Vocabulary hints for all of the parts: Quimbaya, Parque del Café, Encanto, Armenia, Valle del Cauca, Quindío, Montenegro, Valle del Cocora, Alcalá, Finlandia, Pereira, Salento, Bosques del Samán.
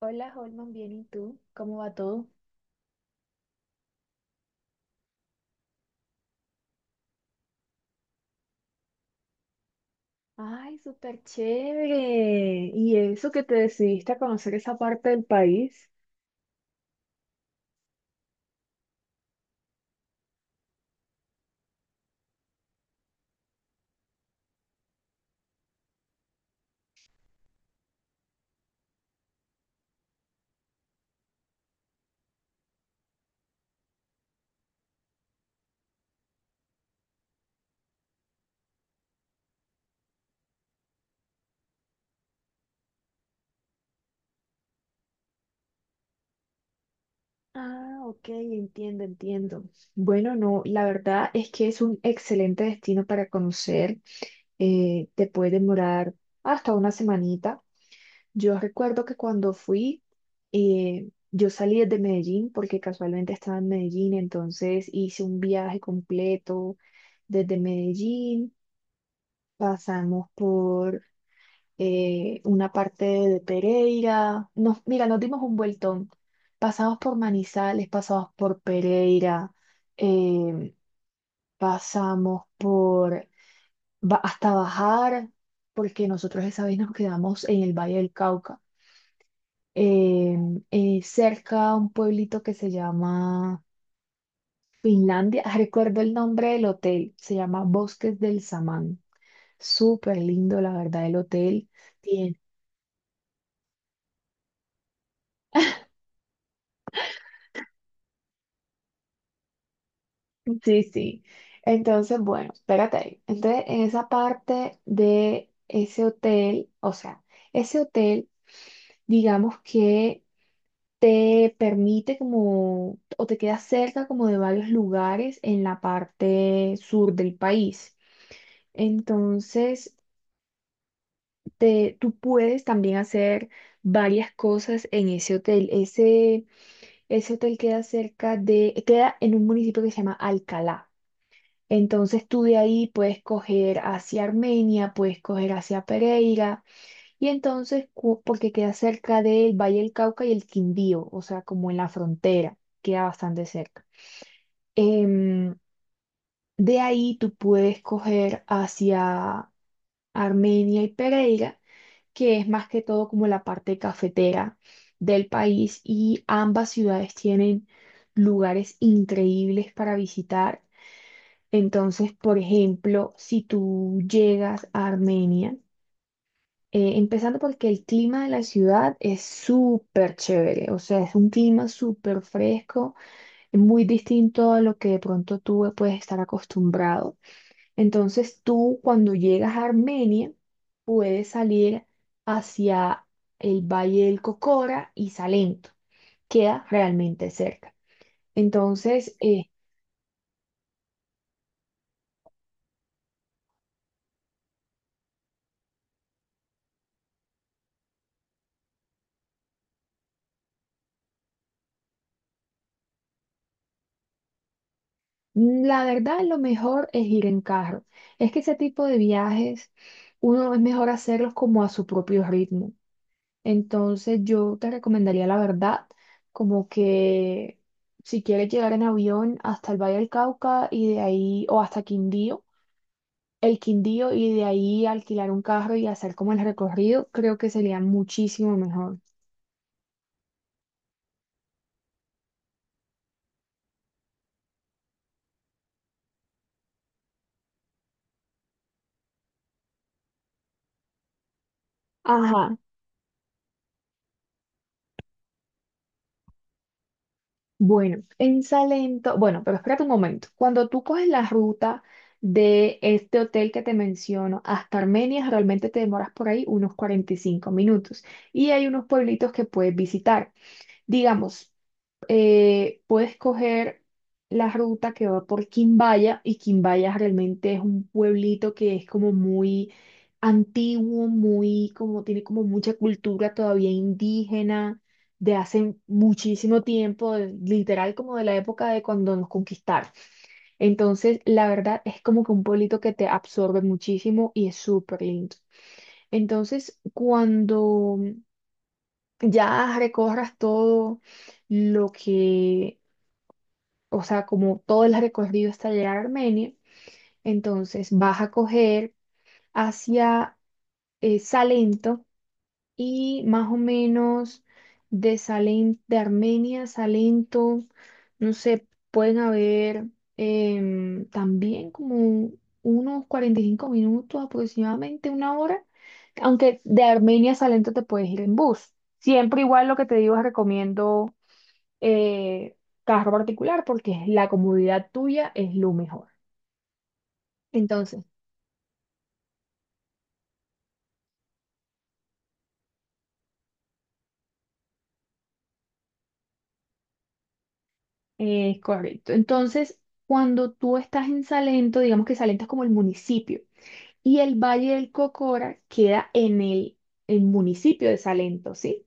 Hola, Holman, bien, ¿y tú? ¿Cómo va todo? Ay, súper chévere. ¿Y eso que te decidiste a conocer esa parte del país? Ah, ok, entiendo, entiendo. Bueno, no, la verdad es que es un excelente destino para conocer. Te puede demorar hasta una semanita. Yo recuerdo que cuando fui, yo salí desde Medellín porque casualmente estaba en Medellín, entonces hice un viaje completo desde Medellín. Pasamos por una parte de Pereira. Mira, nos dimos un vueltón. Pasamos por Manizales, pasamos por Pereira, eh, pasamos por hasta bajar, porque nosotros esa vez nos quedamos en el Valle del Cauca, eh, cerca a un pueblito que se llama Finlandia. Recuerdo el nombre del hotel, se llama Bosques del Samán. Súper lindo, la verdad, el hotel. Sí, sí. Entonces, bueno, espérate ahí. Entonces, en esa parte de ese hotel, o sea, ese hotel, digamos que te permite como, o te queda cerca como de varios lugares en la parte sur del país. Entonces, tú puedes también hacer varias cosas en ese hotel. Ese hotel queda cerca de, queda en un municipio que se llama Alcalá. Entonces tú de ahí puedes coger hacia Armenia, puedes coger hacia Pereira, y entonces, porque queda cerca del Valle del Cauca y el Quindío, o sea, como en la frontera, queda bastante cerca. Em, de ahí tú puedes coger hacia Armenia y Pereira, que es más que todo como la parte cafetera del país, y ambas ciudades tienen lugares increíbles para visitar. Entonces, por ejemplo, si tú llegas a Armenia, empezando porque el clima de la ciudad es súper chévere, o sea, es un clima súper fresco, muy distinto a lo que de pronto tú puedes estar acostumbrado. Entonces, tú cuando llegas a Armenia, puedes salir hacia el Valle del Cocora y Salento, queda realmente cerca. Entonces, la verdad, lo mejor es ir en carro. Es que ese tipo de viajes, uno es mejor hacerlos como a su propio ritmo. Entonces, yo te recomendaría la verdad, como que si quieres llegar en avión hasta el Valle del Cauca y de ahí, o hasta el Quindío y de ahí alquilar un carro y hacer como el recorrido, creo que sería muchísimo mejor. Ajá. Bueno, en Salento, bueno, pero espérate un momento. Cuando tú coges la ruta de este hotel que te menciono hasta Armenia, realmente te demoras por ahí unos 45 minutos y hay unos pueblitos que puedes visitar. Digamos, puedes coger la ruta que va por Quimbaya y Quimbaya realmente es un pueblito que es como muy antiguo, muy como tiene como mucha cultura todavía indígena de hace muchísimo tiempo, literal como de la época de cuando nos conquistaron. Entonces, la verdad es como que un pueblito que te absorbe muchísimo y es súper lindo. Entonces, cuando ya recorras todo lo que o sea, como todo el recorrido hasta llegar a Armenia, entonces vas a coger hacia Salento y más o menos de Salento, de Armenia a Salento, no sé, pueden haber también como unos 45 minutos, aproximadamente una hora, aunque de Armenia a Salento te puedes ir en bus. Siempre igual lo que te digo, recomiendo eh, carro particular porque la comodidad tuya es lo mejor. Entonces, es correcto. Entonces, cuando tú estás en Salento, digamos que Salento es como el municipio y el Valle del Cocora queda en el municipio de Salento, ¿sí?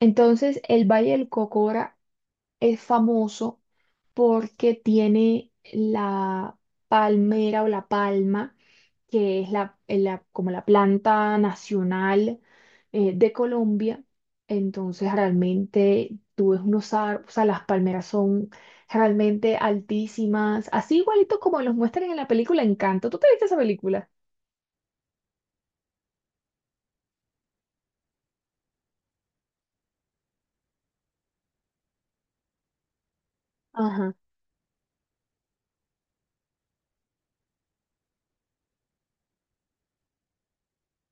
Entonces, el Valle del Cocora es famoso porque tiene la palmera o la palma, que es como la planta nacional de Colombia. Entonces realmente tú ves unos árboles, o sea, las palmeras son realmente altísimas, así igualito como los muestran en la película Encanto. ¿Tú te viste esa película? Ajá.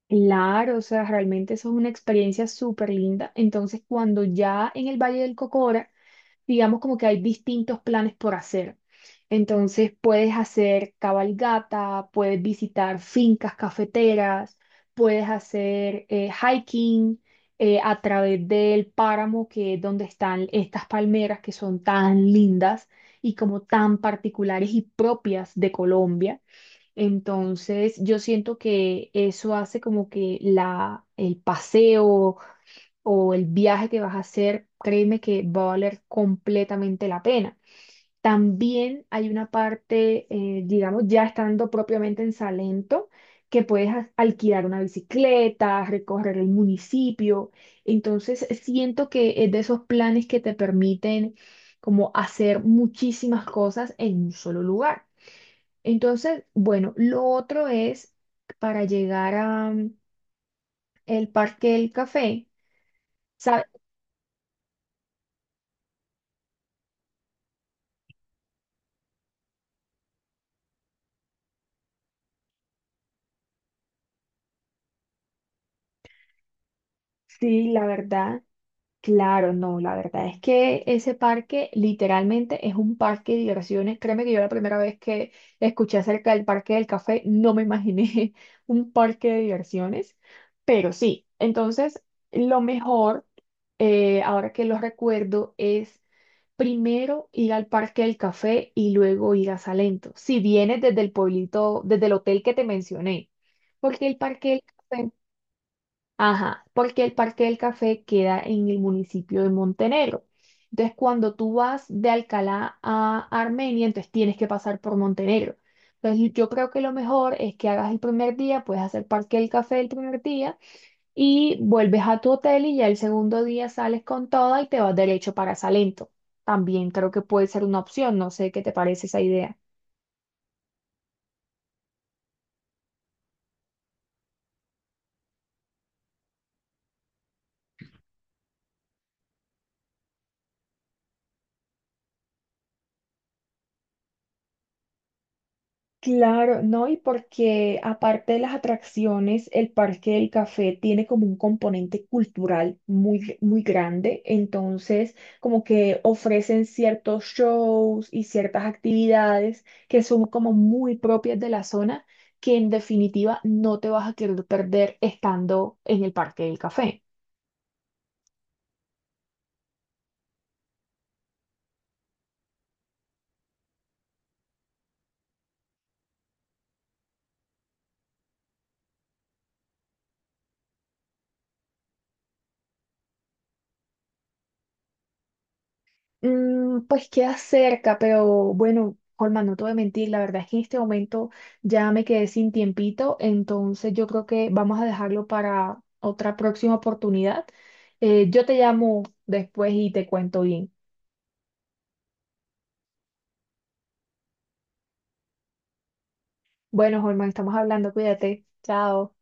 Claro, o sea, realmente eso es una experiencia súper linda. Entonces, cuando ya en el Valle del Cocora digamos como que hay distintos planes por hacer. Entonces puedes hacer cabalgata, puedes visitar fincas cafeteras, puedes hacer hiking a través del páramo, que es donde están estas palmeras que son tan lindas y como tan particulares y propias de Colombia. Entonces yo siento que eso hace como que el paseo o el viaje que vas a hacer, créeme que va a valer completamente la pena. También hay una parte, digamos, ya estando propiamente en Salento, que puedes alquilar una bicicleta, recorrer el municipio. Entonces, siento que es de esos planes que te permiten como hacer muchísimas cosas en un solo lugar. Entonces, bueno, lo otro es para llegar a el Parque del Café. ¿Sabe? Sí, la verdad. Claro, no, la verdad es que ese parque literalmente es un parque de diversiones. Créeme que yo la primera vez que escuché acerca del parque del café no me imaginé un parque de diversiones, pero sí, entonces lo mejor, ahora que lo recuerdo, es primero ir al parque del café y luego ir a Salento, si vienes desde el pueblito, desde el hotel que te mencioné, porque el parque del café. Ajá. Porque el Parque del Café queda en el municipio de Montenegro. Entonces, cuando tú vas de Alcalá a Armenia, entonces tienes que pasar por Montenegro. Entonces, yo creo que lo mejor es que hagas el primer día, puedes hacer Parque del Café el primer día y vuelves a tu hotel y ya el segundo día sales con toda y te vas derecho para Salento. También creo que puede ser una opción, no sé qué te parece esa idea. Claro, no, y porque aparte de las atracciones, el Parque del Café tiene como un componente cultural muy, muy grande, entonces como que ofrecen ciertos shows y ciertas actividades que son como muy propias de la zona, que en definitiva no te vas a querer perder estando en el Parque del Café. Pues queda cerca, pero bueno, Holman, no te voy a mentir, la verdad es que en este momento ya me quedé sin tiempito, entonces yo creo que vamos a dejarlo para otra próxima oportunidad. Yo te llamo después y te cuento bien. Bueno, Holman, estamos hablando, cuídate, chao.